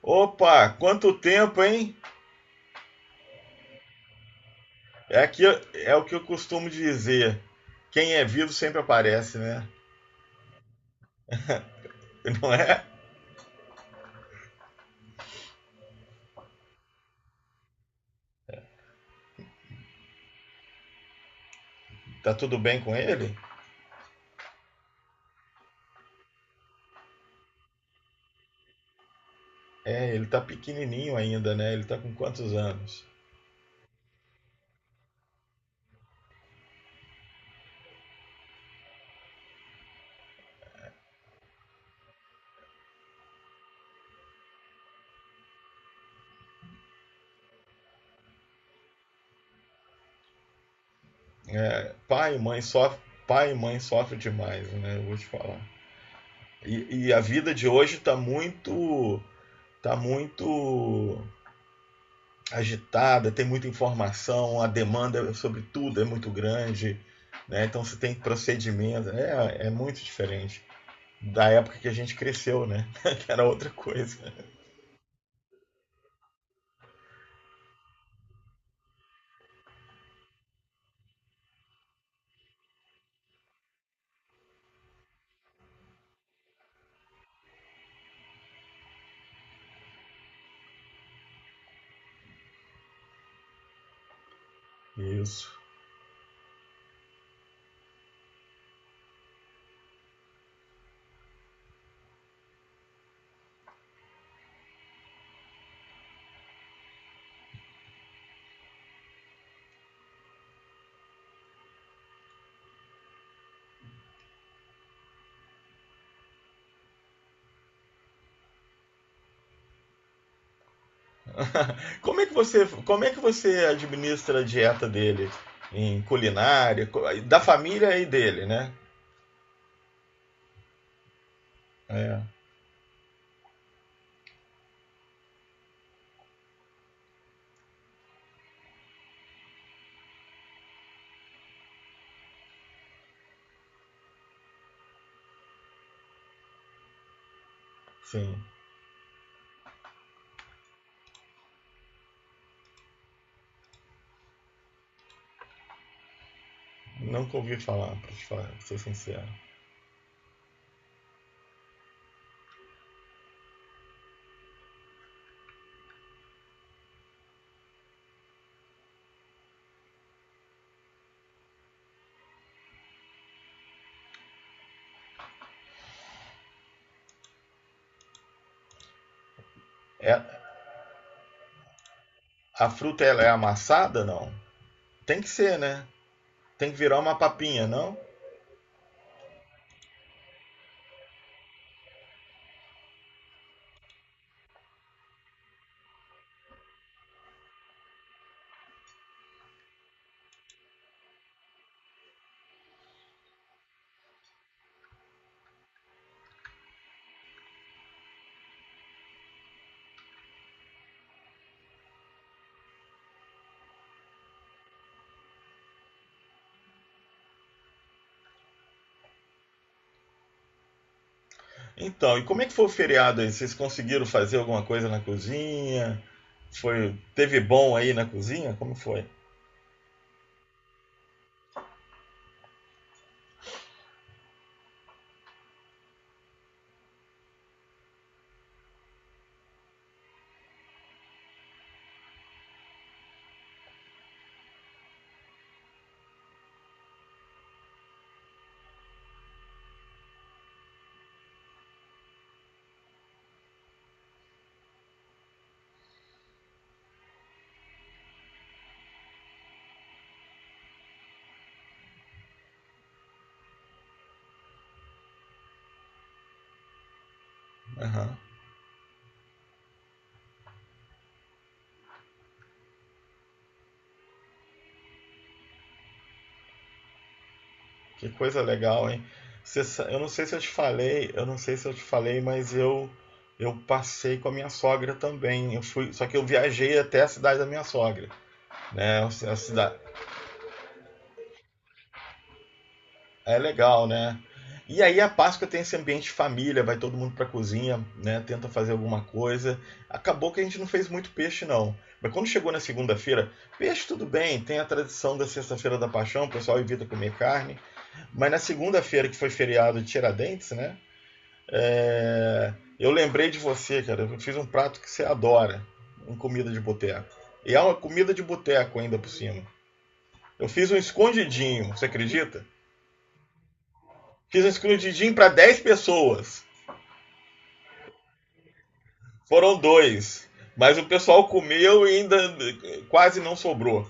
Opa, quanto tempo, hein? É, aqui, é o que eu costumo dizer. Quem é vivo sempre aparece, né? Não é? Tá tudo bem com ele? É, ele tá pequenininho ainda, né? Ele tá com quantos anos? Pai e mãe sofrem, pai e mãe sofrem demais, né? Eu vou te falar. E a vida de hoje tá muito, tá muito agitada, tem muita informação, a demanda é sobre tudo é muito grande, né? Então você tem procedimento, é muito diferente da época que a gente cresceu, né? Que era outra coisa. Isso. Como é que você administra a dieta dele em culinária, da família e dele, né? É, sim. Nunca ouvi falar, pra, te falar, pra ser sincero. É, a fruta ela é amassada, não? Tem que ser, né? Tem que virar uma papinha, não? Então, e como é que foi o feriado aí? Vocês conseguiram fazer alguma coisa na cozinha? Foi, teve bom aí na cozinha? Como foi? Aham. Que coisa legal, hein? Eu não sei se eu te falei, mas eu passei com a minha sogra também. Eu fui, só que eu viajei até a cidade da minha sogra, né? A cidade é legal, né? E aí a Páscoa tem esse ambiente de família, vai todo mundo pra cozinha, né? Tenta fazer alguma coisa. Acabou que a gente não fez muito peixe não. Mas quando chegou na segunda-feira, peixe tudo bem, tem a tradição da sexta-feira da Paixão, o pessoal evita comer carne. Mas na segunda-feira que foi feriado de Tiradentes, né? É, eu lembrei de você, cara. Eu fiz um prato que você adora, uma comida de boteco. E é uma comida de boteco ainda por cima. Eu fiz um escondidinho, você acredita? Fiz um escondidinho para 10 pessoas. Foram dois. Mas o pessoal comeu e ainda quase não sobrou.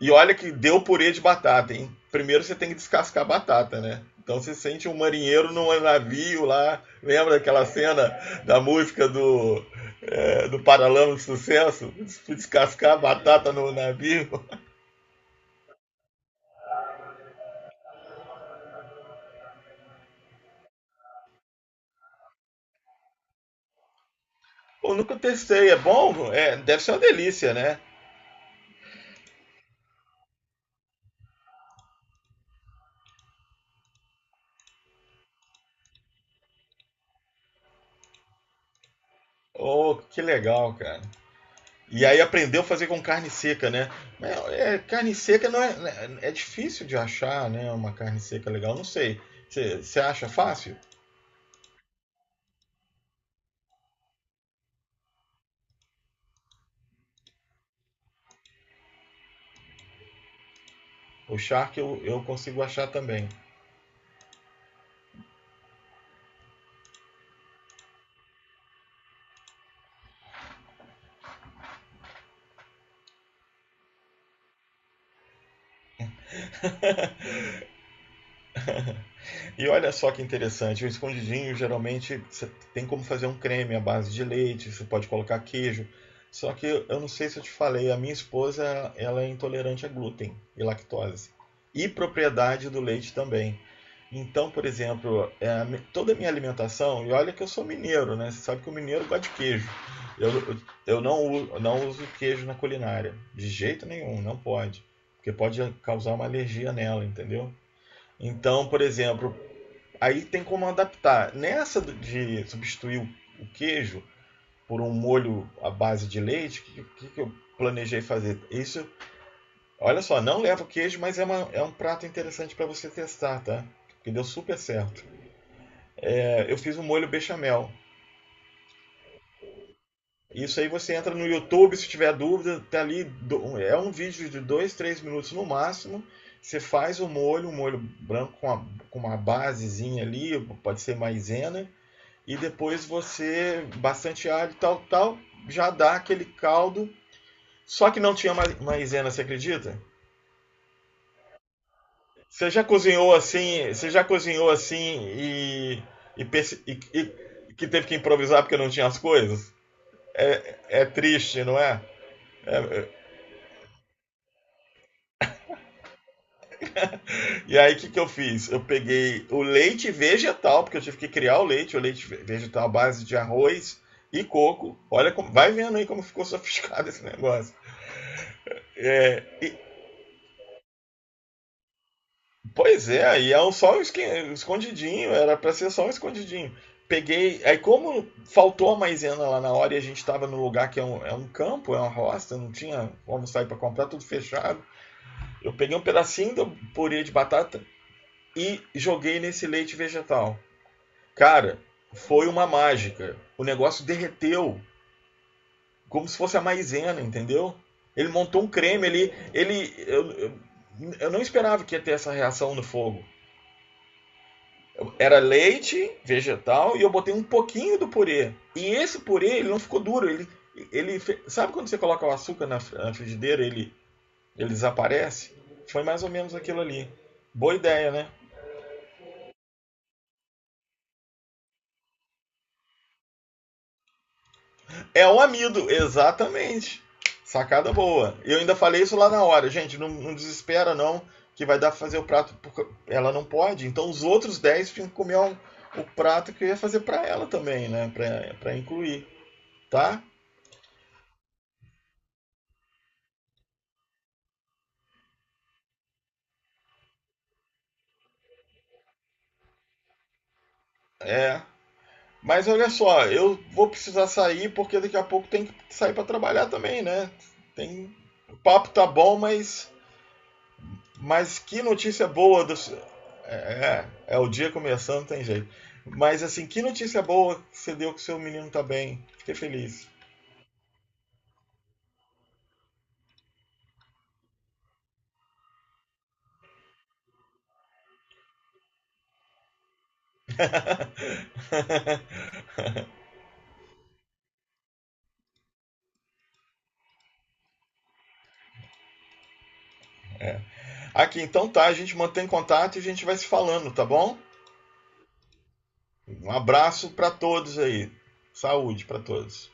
E olha que deu purê de batata, hein? Primeiro você tem que descascar a batata, né? Então você sente um marinheiro num navio lá. Lembra daquela cena da música do, do Paralama de Sucesso? Descascar a batata no navio. Eu nunca testei. É bom? É, deve ser uma delícia, né? Oh, que legal, cara. E aí aprendeu a fazer com carne seca, né? Mas é, carne seca não é, é difícil de achar, né? Uma carne seca legal, não sei. Você acha fácil? O Shark eu consigo achar também. E olha só que interessante, o escondidinho geralmente você tem como fazer um creme à base de leite, você pode colocar queijo. Só que eu não sei se eu te falei, a minha esposa ela é intolerante a glúten e lactose. E propriedade do leite também. Então, por exemplo, é, a mi- toda a minha alimentação, e olha que eu sou mineiro, né? Você sabe que o mineiro gosta de queijo. Eu, eu- eu não, u- não uso queijo na culinária, de jeito nenhum, não pode. Porque pode causar uma alergia nela, entendeu? Então, por exemplo, aí tem como adaptar. Nessa de substituir o queijo por um molho à base de leite, o eu planejei fazer? Isso, olha só, não leva queijo, mas é, uma, é um prato interessante para você testar, tá? Que deu super certo. É, eu fiz um molho bechamel. Isso aí você entra no YouTube, se tiver dúvida, tá ali. Do, um, é um vídeo de 2, 3 minutos no máximo. Você faz o molho, um molho branco com, a, com uma basezinha ali, pode ser maisena e depois você, bastante alho, tal, tal, já dá aquele caldo. Só que não tinha ma- maisena, você acredita? Você já cozinhou assim e, perce- e- que teve que improvisar porque não tinha as coisas? É triste, não é? É, e aí o que, que eu fiz? Eu peguei o leite vegetal, porque eu tive que criar o leite ve- vegetal à base de arroz e coco. Olha como, vai vendo aí como ficou sofisticado esse negócio. Pois é, aí é um só um esqui- escondidinho, era pra ser só um escondidinho. Peguei. Aí, como faltou a maisena lá na hora e a gente tava no lugar que é um campo, é uma roça, não tinha como sair pra comprar, tudo fechado. Eu peguei um pedacinho do purê de batata e joguei nesse leite vegetal. Cara, foi uma mágica. O negócio derreteu, como se fosse a maisena, entendeu? Ele montou um creme, ele. Ele eu não esperava que ia ter essa reação no fogo. Era leite vegetal e eu botei um pouquinho do purê. E esse purê, ele não ficou duro. Ele sabe quando você coloca o açúcar na frigideira ele, ele desaparece? Foi mais ou menos aquilo ali. Boa ideia, né? É o amido, exatamente. Sacada boa. Eu ainda falei isso lá na hora. Gente, não, não desespera não, que vai dar pra fazer o prato. Porque ela não pode. Então os outros 10 tinham que comer um- o prato que eu ia fazer pra ela também, né? Pra, pra incluir, tá? É. Mas olha só, eu vou precisar sair porque daqui a pouco tem que sair para trabalhar também, né? Tem... O papo tá bom, mas que notícia boa do. É, é, é o dia começando, tem jeito. Mas assim, que notícia boa que você deu que seu menino tá bem. Fiquei feliz. Aqui, então tá, a gente mantém contato e a gente vai se falando, tá bom? Um abraço para todos aí. Saúde para todos.